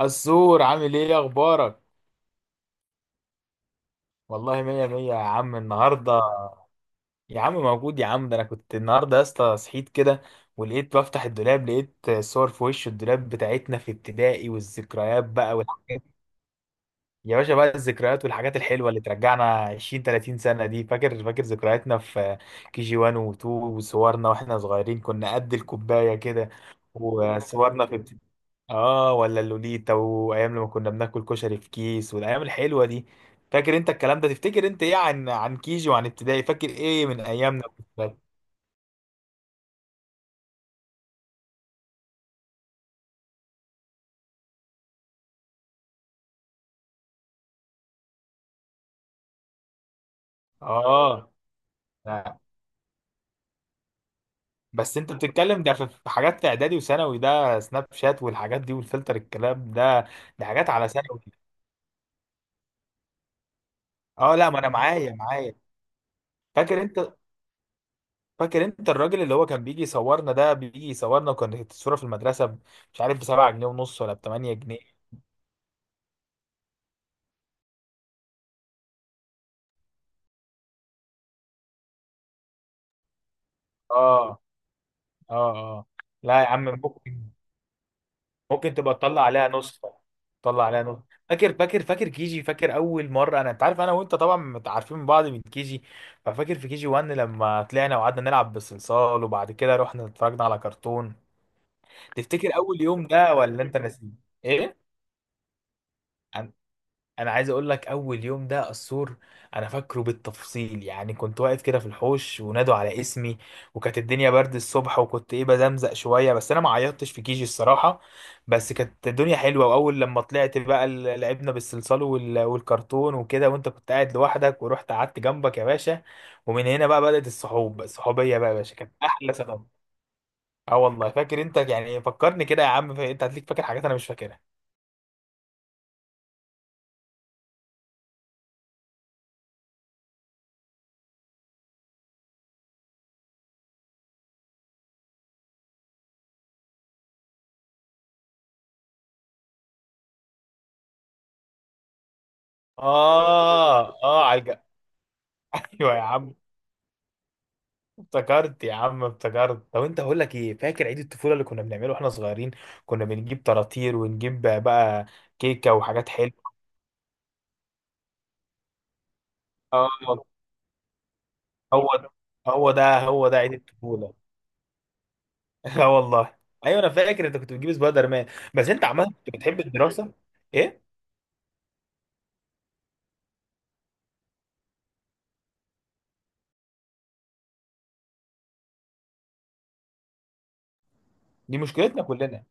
السور، عامل ايه؟ إيه اخبارك؟ والله مية مية يا عم. النهارده يا عم موجود يا عم. ده انا كنت النهارده يا اسطى صحيت كده، ولقيت بفتح الدولاب لقيت صور في وش الدولاب بتاعتنا في ابتدائي والذكريات بقى، يا باشا بقى الذكريات والحاجات الحلوه اللي ترجعنا 20 30 سنه دي. فاكر ذكرياتنا في كي جي 1 و2، وصورنا واحنا صغيرين كنا قد الكوبايه كده. وصورنا في اه ولا اللوليتا، وايام لما كنا بناكل كشري في كيس والايام الحلوه دي. فاكر انت الكلام ده؟ تفتكر انت ايه عن كيجي وعن ابتدائي؟ فاكر ايه من ايامنا وابتدائي؟ اه. لا. بس انت بتتكلم ده في حاجات في اعدادي وثانوي، ده سناب شات والحاجات دي والفلتر الكلام ده، دي حاجات على ثانوي. اه لا، ما انا معايا. فاكر انت فاكر انت الراجل اللي هو كان بيجي يصورنا ده، بيجي يصورنا وكانت الصوره في المدرسه مش عارف، ب 7 جنيه ونص ولا ب 8 جنيه. اه، اه، اه. لا يا عم ممكن تبقى تطلع عليها نسخه، تطلع عليها نسخه. فاكر كيجي. فاكر اول مره، انا انت عارف انا وانت طبعا متعارفين من بعض من كيجي. ففاكر في كيجي 1 لما طلعنا وقعدنا نلعب بالصلصال وبعد كده رحنا اتفرجنا على كرتون. تفتكر اول يوم ده ولا انت ناسي؟ ايه. انا عايز اقول لك اول يوم ده، السور انا فاكره بالتفصيل. يعني كنت واقف كده في الحوش ونادوا على اسمي، وكانت الدنيا برد الصبح، وكنت ايه، بزمزق شويه بس انا ما عيطتش في كيجي الصراحه. بس كانت الدنيا حلوه، واول لما طلعت بقى لعبنا بالصلصال والكرتون وكده، وانت كنت قاعد لوحدك ورحت قعدت جنبك يا باشا. ومن هنا بقى بدأت الصحوبيه بقى يا باشا، كانت احلى سنه. اه والله فاكر انت. يعني فكرني كده يا عم، انت هتليك فاكر حاجات انا مش فاكرها. اه، اه، على ايوه يا عم. افتكرت يا عم افتكرت. طب انت هقول لك ايه، فاكر عيد الطفوله اللي كنا بنعمله واحنا صغيرين؟ كنا بنجيب طراطير ونجيب بقى كيكه وحاجات حلوه. اه، هو ده، هو ده، هو ده عيد الطفوله. اه والله. ايوه انا فاكر انت كنت بتجيب سبايدر مان. بس انت عمال كنت بتحب الدراسه؟ ايه. دي مشكلتنا كلنا.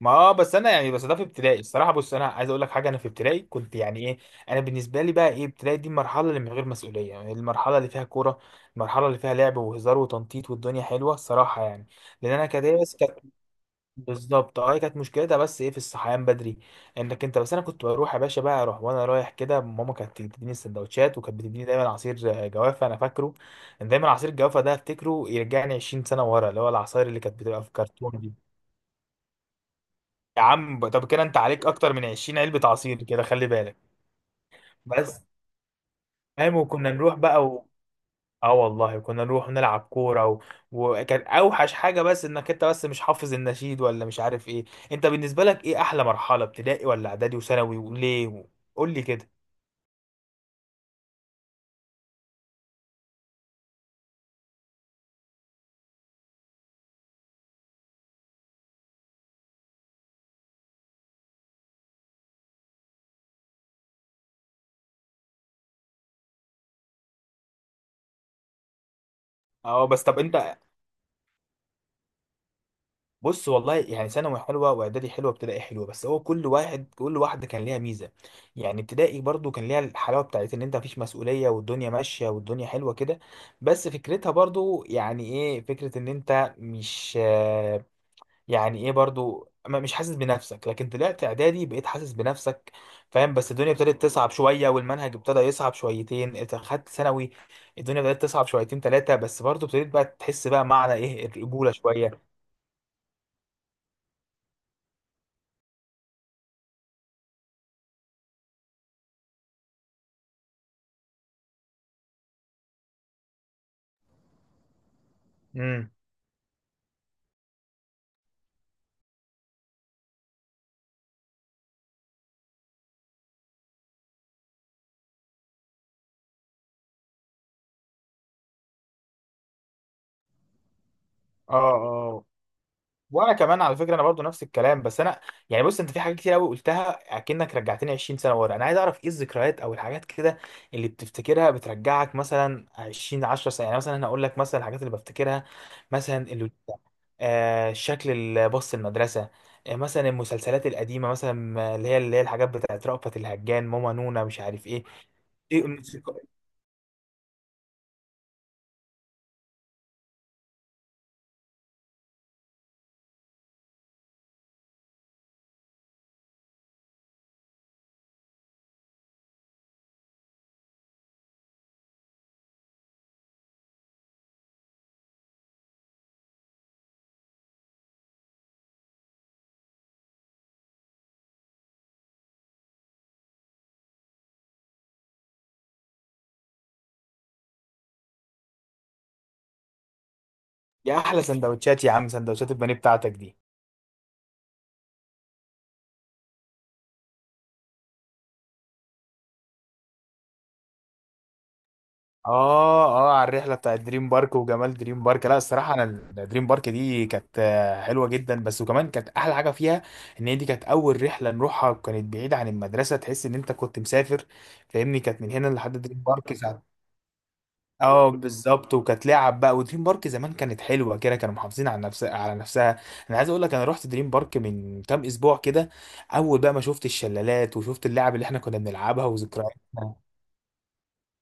ما بس انا يعني، بس ده في ابتدائي الصراحه. بص، انا عايز اقول لك حاجه، انا في ابتدائي كنت يعني ايه. انا بالنسبه لي بقى ايه، ابتدائي دي المرحله اللي من غير مسؤوليه، يعني المرحله اللي فيها كوره، المرحله اللي فيها لعب وهزار وتنطيط والدنيا حلوه الصراحه يعني. لان انا كانت هي بس كانت. بالظبط، هي كانت مشكلتها بس ايه في الصحيان بدري. انك انت بس انا كنت بروح يا باشا بقى، اروح وانا رايح كده ماما كانت تديني السندوتشات وكانت بتديني دايما عصير جوافه انا فاكره. دايما عصير الجوافه ده افتكره يرجعني 20 سنه ورا، اللي هو العصاير اللي كانت بتبقى في كرتون دي. يا عم طب كده انت عليك اكتر من 20 علبة عصير كده خلي بالك. بس فاهم، وكنا نروح بقى اه والله كنا نروح نلعب كورة وكان اوحش حاجة بس انك انت بس مش حافظ النشيد ولا مش عارف ايه. انت بالنسبة لك ايه احلى مرحلة، ابتدائي ولا اعدادي وثانوي وليه؟ قول لي كده. اه بس طب انت، بص والله يعني ثانوي حلوه واعدادي حلوه وابتدائي حلوه، بس هو كل واحد، كل واحده كان ليها ميزه. يعني ابتدائي برضو كان ليها الحلاوه بتاعت ان انت مفيش مسؤوليه والدنيا ماشيه والدنيا حلوه كده. بس فكرتها برضو يعني ايه، فكره ان انت مش يعني ايه برضو مش حاسس بنفسك. لكن طلعت اعدادي بقيت حاسس بنفسك، فاهم. بس الدنيا ابتدت تصعب شويه والمنهج ابتدى يصعب شويتين، انت خدت ثانوي الدنيا بدات تصعب شويتين ثلاثه، بس برضو ابتديت بقى تحس بقى معنى ايه الرجوله شويه. امم. اه، اه. وانا كمان على فكره انا برضو نفس الكلام، بس انا يعني بص، انت في حاجات كتير قوي قلتها اكنك رجعتني 20 سنه ورا. انا عايز اعرف ايه الذكريات او الحاجات كده اللي بتفتكرها بترجعك مثلا 20 10 سنه. يعني مثلا انا هقول لك مثلا الحاجات اللي بفتكرها، مثلا اللي شكل الباص المدرسه، مثلا المسلسلات القديمه، مثلا اللي هي الحاجات بتاعت رأفت الهجان، ماما نونا، مش عارف ايه، ايه الموسيقى. يا احلى سندوتشات يا عم، سندوتشات البانيه بتاعتك دي. اه، اه، على الرحله بتاعت دريم بارك وجمال دريم بارك. لا الصراحه، انا دريم بارك دي كانت حلوه جدا بس. وكمان كانت احلى حاجه فيها ان هي دي كانت اول رحله نروحها وكانت بعيده عن المدرسه، تحس ان انت كنت مسافر. فاهمني كانت من هنا لحد دريم بارك ساعه. اه بالظبط، وكانت لعب بقى ودريم بارك زمان كانت حلوه كده، كانوا محافظين على نفسها على نفسها. انا عايز اقول لك انا رحت دريم بارك من كام اسبوع كده، اول بقى ما شفت الشلالات وشفت اللعب اللي احنا كنا بنلعبها وذكرياتنا.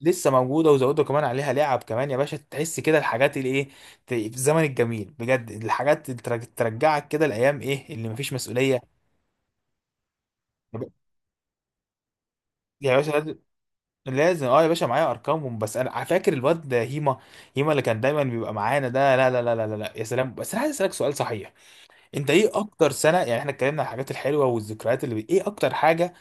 لسه موجوده وزودوا كمان عليها لعب كمان يا باشا، تحس كده الحاجات اللي ايه في الزمن الجميل بجد، الحاجات اللي ترجعك كده الايام ايه اللي مفيش مسؤوليه. يا باشا لازم، اه يا باشا معايا ارقامهم. بس انا فاكر الواد ده هيما، هيما اللي كان دايما بيبقى معانا ده، لا لا لا لا لا لا، يا سلام. بس انا عايز اسالك سؤال صحيح، انت ايه اكتر سنه، يعني احنا اتكلمنا عن الحاجات الحلوه والذكريات، اللي ايه اكتر حاجه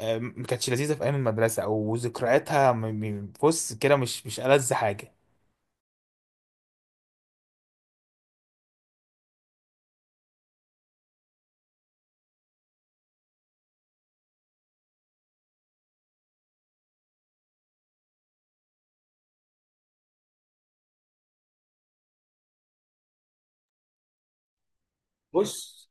ما كانتش لذيذه في ايام المدرسه او ذكرياتها، بص كده، مش ألذ حاجه. بص،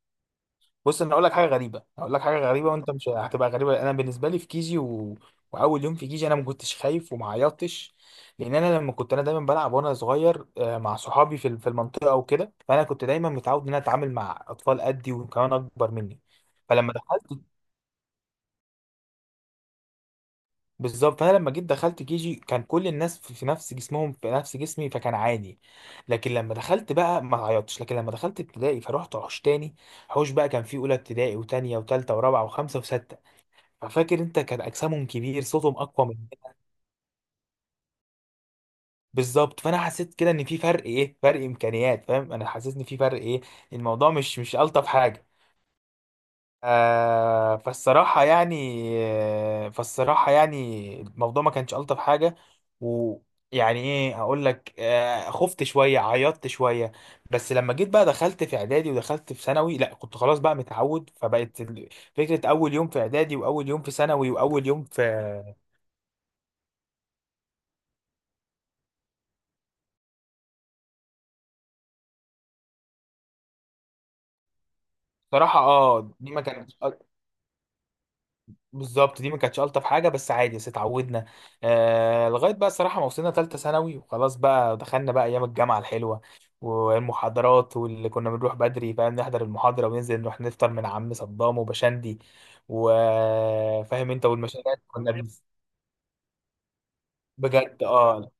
بص انا اقول لك حاجه غريبه، اقول لك حاجه غريبه، وانت مش هتبقى غريبه، انا بالنسبه لي في كيجي واول يوم في كيجي انا ما كنتش خايف وما عيطتش. لان انا لما كنت انا دايما بلعب وانا صغير مع صحابي في المنطقه وكده، فانا كنت دايما متعود ان انا اتعامل مع اطفال قدي وكمان اكبر مني. فلما دخلت، بالظبط، فانا لما جيت دخلت كيجي كان كل الناس في نفس جسمهم في نفس جسمي فكان عادي. لكن لما دخلت بقى ما عيطتش، لكن لما دخلت ابتدائي فروحت حوش تاني، حوش بقى كان فيه اولى ابتدائي وتانية وتالتة ورابعة وخمسة وستة. ففاكر انت كان اجسامهم كبير صوتهم اقوى من، بالظبط. فانا حسيت كده ان في فرق ايه، فرق امكانيات، فاهم. انا حسيت ان في فرق ايه، الموضوع مش الطف حاجه، آه فالصراحه يعني فالصراحه يعني الموضوع ما كانش الطف حاجه. ويعني ايه اقول لك، آه خفت شويه، عيطت شويه. بس لما جيت بقى دخلت في اعدادي ودخلت في ثانوي لا كنت خلاص بقى متعود، فبقت فكره اول يوم في اعدادي واول يوم في ثانوي واول يوم في، صراحة دي ما كانت، بالظبط دي ما كانتش الطف حاجه، بس عادي بس اتعودنا. آه لغايه بقى الصراحه ما وصلنا ثالثه ثانوي وخلاص بقى دخلنا بقى ايام الجامعه الحلوه والمحاضرات، واللي كنا بنروح بدري فاهم نحضر المحاضره وننزل نروح نفطر من عم صدام وبشندي وفاهم انت، والمشاريع اللي كنا بجد، اه،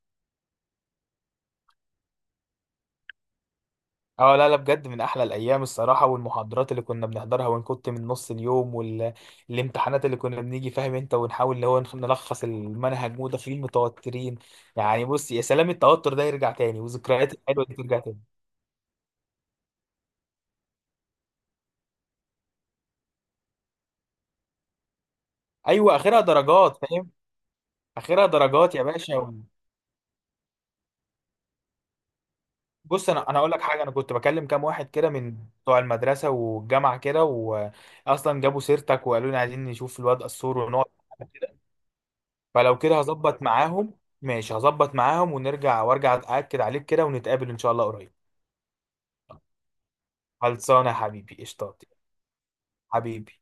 اه، لا لا، بجد من احلى الايام الصراحه. والمحاضرات اللي كنا بنحضرها ونكت من نص اليوم، والامتحانات اللي كنا بنيجي فاهم انت، ونحاول اللي هو نلخص المنهج وداخلين متوترين. يعني بص يا سلام، التوتر ده يرجع تاني والذكريات الحلوه دي ترجع تاني. ايوه اخرها درجات فاهم، اخرها درجات يا باشا. بص انا اقول لك حاجه، انا كنت بكلم كام واحد كده من بتوع المدرسه والجامعه كده، واصلا جابوا سيرتك وقالوا لي عايزين نشوف الواد قصور ونقعد. فلو كده هظبط معاهم، ماشي هظبط معاهم ونرجع وارجع أأكد عليك كده ونتقابل إن شاء الله قريب. خلصانة يا حبيبي قشطات. حبيبي.